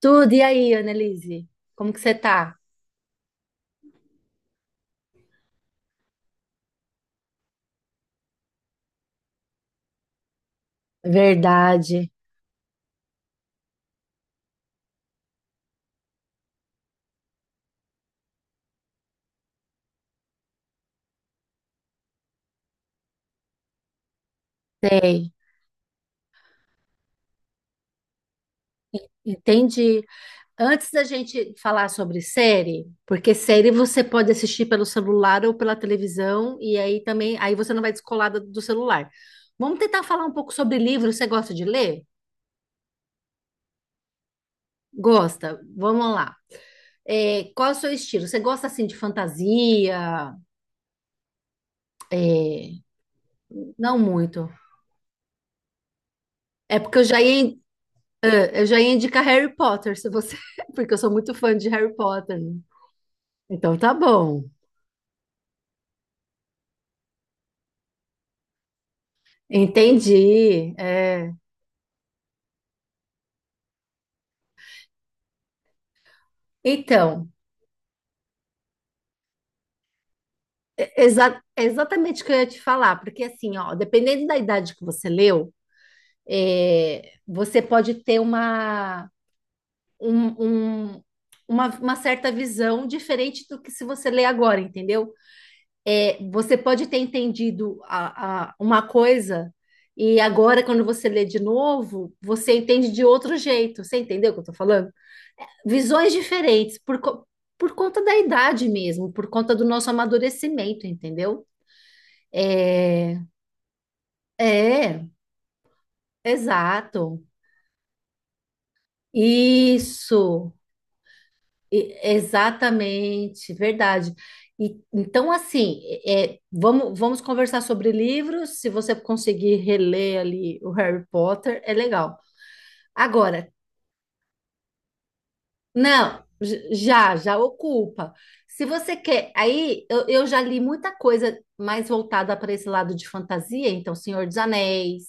Tudo, e aí, Annelise? Como que você tá? Verdade. Sei. Entendi. Antes da gente falar sobre série, porque série você pode assistir pelo celular ou pela televisão, e aí também, aí você não vai descolar do celular. Vamos tentar falar um pouco sobre livro. Você gosta de ler? Gosta? Vamos lá. É, qual é o seu estilo? Você gosta assim de fantasia? É, não muito. É porque eu já ia, Eu já ia indicar Harry Potter, se você, porque eu sou muito fã de Harry Potter. Então tá bom. Entendi. É. Então, é exatamente o que eu ia te falar, porque assim, ó, dependendo da idade que você leu, é, você pode ter uma, um- um- uma certa visão diferente do que se você lê agora, entendeu? É, você pode ter entendido uma coisa e agora, quando você lê de novo, você entende de outro jeito. Você entendeu o que eu tô falando? Visões diferentes, por conta da idade mesmo, por conta do nosso amadurecimento, entendeu? É, exato. Isso, exatamente, verdade. E então, assim, é, vamos conversar sobre livros. Se você conseguir reler ali o Harry Potter, é legal. Agora, não, já ocupa. Se você quer, eu já li muita coisa mais voltada para esse lado de fantasia, então Senhor dos Anéis,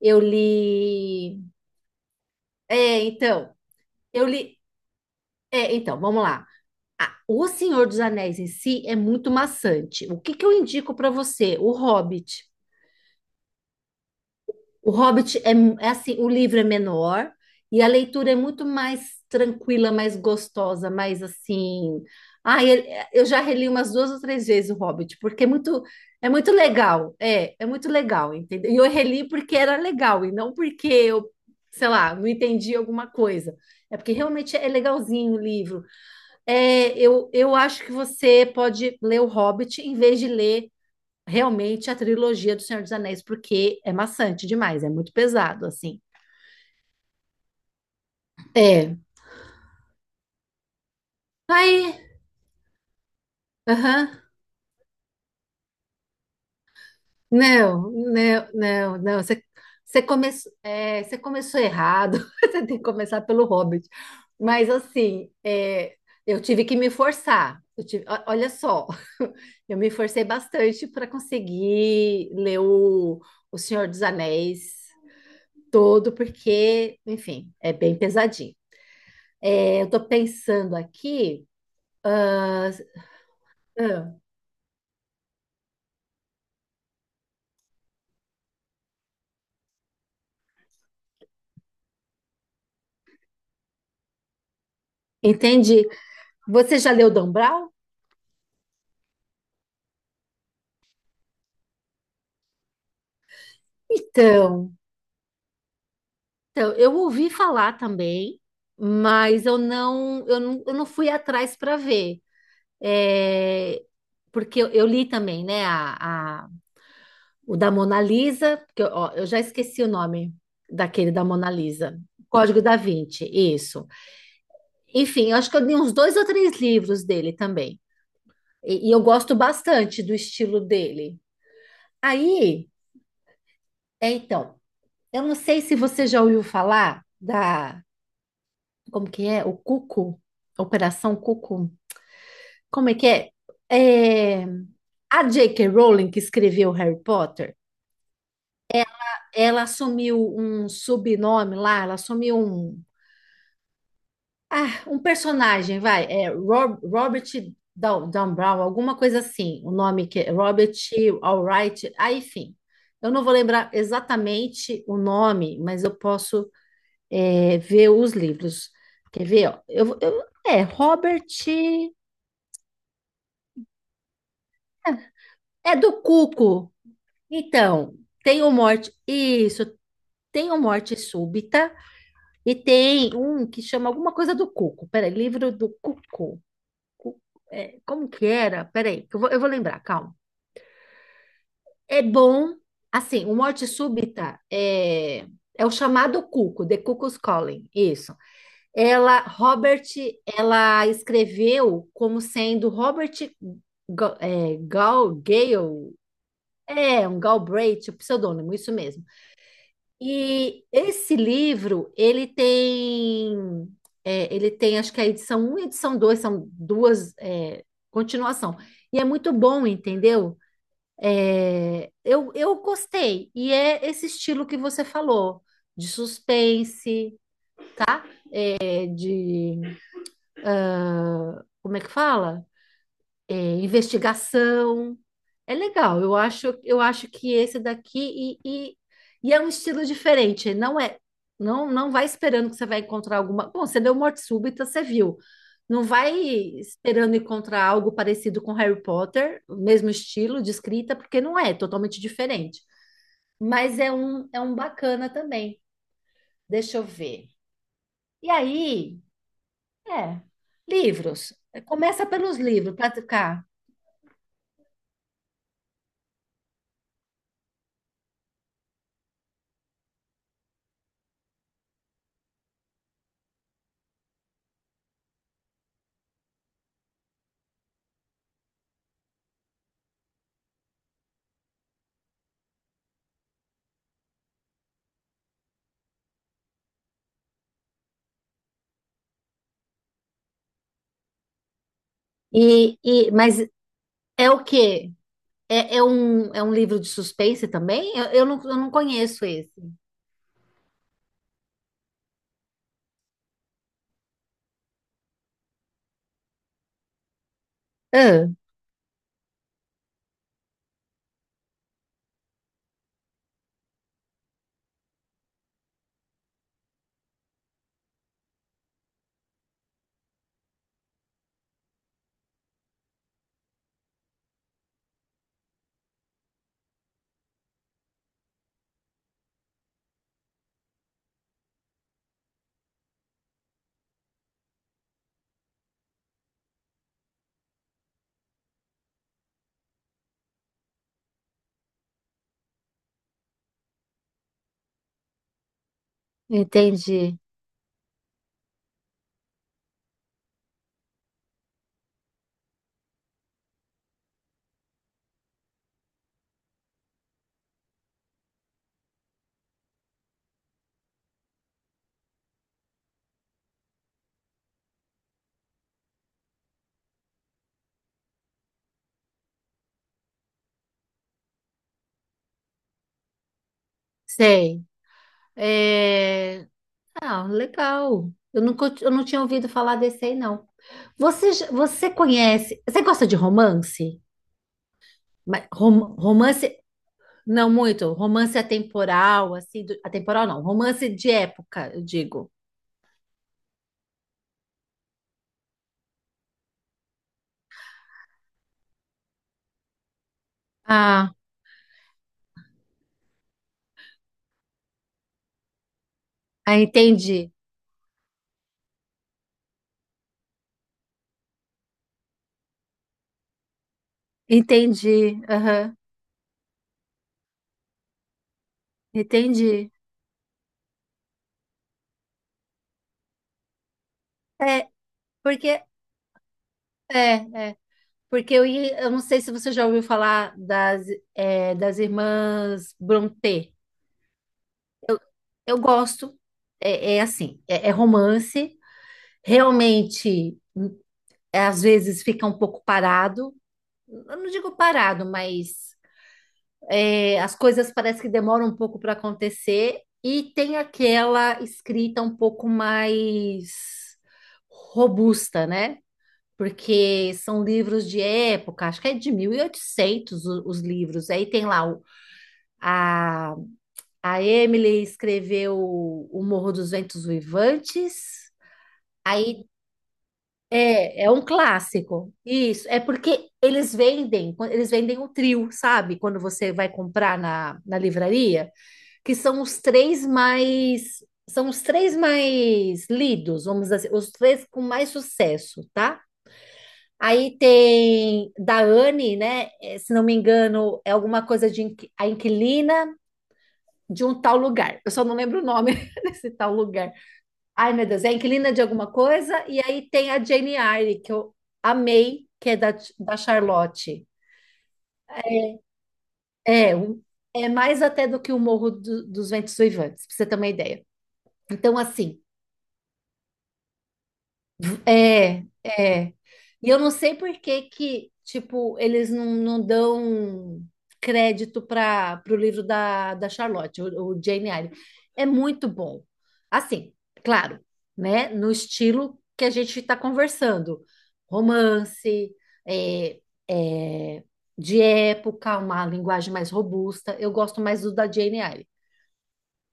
eu li. É, então, eu li. É, então, vamos lá. Ah, o Senhor dos Anéis em si é muito maçante. O que que eu indico para você? O Hobbit. O Hobbit é, é assim, o livro é menor e a leitura é muito mais tranquila, mais gostosa, mais assim. Ah, ele- eu já reli umas duas ou três vezes o Hobbit, porque é muito legal. É, é muito legal, entendeu? E eu reli porque era legal e não porque sei lá, não entendi alguma coisa. É porque realmente é legalzinho o livro. É, eu acho que você pode ler o Hobbit em vez de ler realmente a trilogia do Senhor dos Anéis, porque é maçante demais, é muito pesado, assim. É. Aí, aham. Não, não, não, não. Você, come, você começou errado. Você tem que começar pelo Hobbit. Mas, assim, é, eu tive que me forçar. Olha só, eu me forcei bastante para conseguir ler o Senhor dos Anéis todo, porque, enfim, é bem pesadinho. É, eu estou pensando aqui. Ah, entendi. Você já leu Dan Brown? Então, então, eu ouvi falar também, mas eu não fui atrás para ver. É, porque eu li também, né, o da Mona Lisa, que eu, ó, eu já esqueci o nome daquele da Mona Lisa. Código da Vinci, isso. Enfim, eu acho que eu li uns dois ou três livros dele também. E eu gosto bastante do estilo dele. Aí, é então. Eu não sei se você já ouviu falar como que é? O Cuco? Operação Cuco? Como é que é? É, a J.K. Rowling, que escreveu Harry Potter, ela assumiu um, ah, um personagem, vai, Robert Down Brown, alguma coisa assim, o nome que é Robert Alright, ah, enfim. Eu não vou lembrar exatamente o nome, mas eu posso é, ver os livros. Quer ver? Ó? Eu, vou- eu- é, Robert. É do Cuco. Então, tem o Morte. Isso, tem o Morte Súbita. E tem um que chama alguma coisa do Cuco. Peraí, livro do Cuco. Cu- é, como que era? Peraí, que eu vou lembrar, calma. É bom. Assim, o Morte Súbita é, é o chamado Cuco, The Cuckoo's Calling. Isso. Ela, Robert, ela escreveu como sendo Robert Gale, é um Galbraith, o pseudônimo, isso mesmo. E esse livro, ele tem, acho que a edição um e a edição 2 são continuação. E é muito bom, entendeu? É, eu gostei. E é esse estilo que você falou, de suspense, é de, ah, como é que fala? É, investigação. É legal, eu acho que esse daqui e é um estilo diferente, não vai esperando que você vai encontrar alguma. Bom, você deu morte súbita, você viu. Não vai esperando encontrar algo parecido com Harry Potter, o mesmo estilo de escrita, porque não é, é totalmente diferente. Mas é um bacana também. Deixa eu ver. E aí, é, livros. Começa pelos livros, para ficar. Mas é o quê? É, é um livro de suspense também? Eu não conheço esse. Ah, entendi. Sei. É, ah, legal. Eu não tinha ouvido falar desse aí, não. Você conhece... Você gosta de romance? Mas romance... Não muito. Romance atemporal, assim... Atemporal não. Romance de época, eu digo. Ah, ah, entendi. Entendi. Aham, entendi. É, porque... É, é. Porque eu não sei se você já ouviu falar é, das irmãs Brontë. Eu, eu gosto, é, é assim, é, é romance, realmente é, às vezes fica um pouco parado. Eu não digo parado, mas é, as coisas parece que demoram um pouco para acontecer e tem aquela escrita um pouco mais robusta, né? Porque são livros de época, acho que é de 1800 os livros. Aí tem lá a, a Emily escreveu O Morro dos Ventos Uivantes. Aí é, é um clássico. Isso, é porque eles vendem o trio, sabe? Quando você vai comprar na livraria, que são os três mais são os três mais lidos, vamos dizer assim, os três com mais sucesso, tá? Aí tem da Anne, né? Eh, se não me engano, é alguma coisa de a inquilina de um tal lugar. Eu só não lembro o nome desse tal lugar. Ai, meu Deus, é a inquilina de alguma coisa. E aí tem a Jane Eyre, que eu amei, que é da Charlotte. É, um- é mais até do que o Morro dos Ventos Uivantes, pra você ter uma ideia. Então, assim, é, é. E eu não sei por que que, tipo, eles não, não dão crédito para o livro da Charlotte, o Jane Eyre. É muito bom. Assim, claro, né? No estilo que a gente está conversando. Romance, é, é, de época, uma linguagem mais robusta. Eu gosto mais do da Jane Eyre,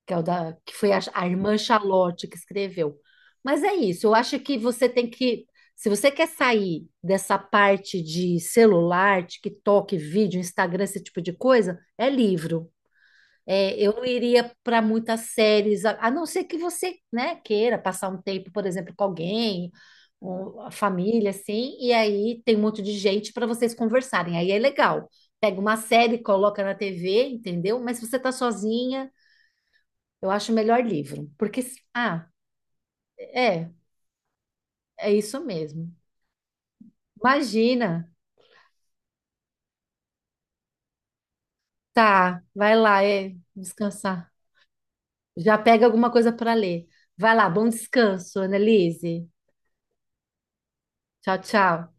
que é o da, que foi a irmã Charlotte que escreveu. Mas é isso, eu acho que você tem que, se você quer sair dessa parte de celular, TikTok, vídeo, Instagram, esse tipo de coisa, é livro. É, eu não iria para muitas séries, a não ser que você, né, queira passar um tempo, por exemplo, com alguém, a família, assim, e aí tem um monte de gente para vocês conversarem. Aí é legal. Pega uma série, coloca na TV, entendeu? Mas se você tá sozinha, eu acho melhor livro, porque se- ah, é, é isso mesmo. Imagina, tá, vai lá, é descansar. Já pega alguma coisa para ler. Vai lá, bom descanso, Annelise. Tchau, tchau.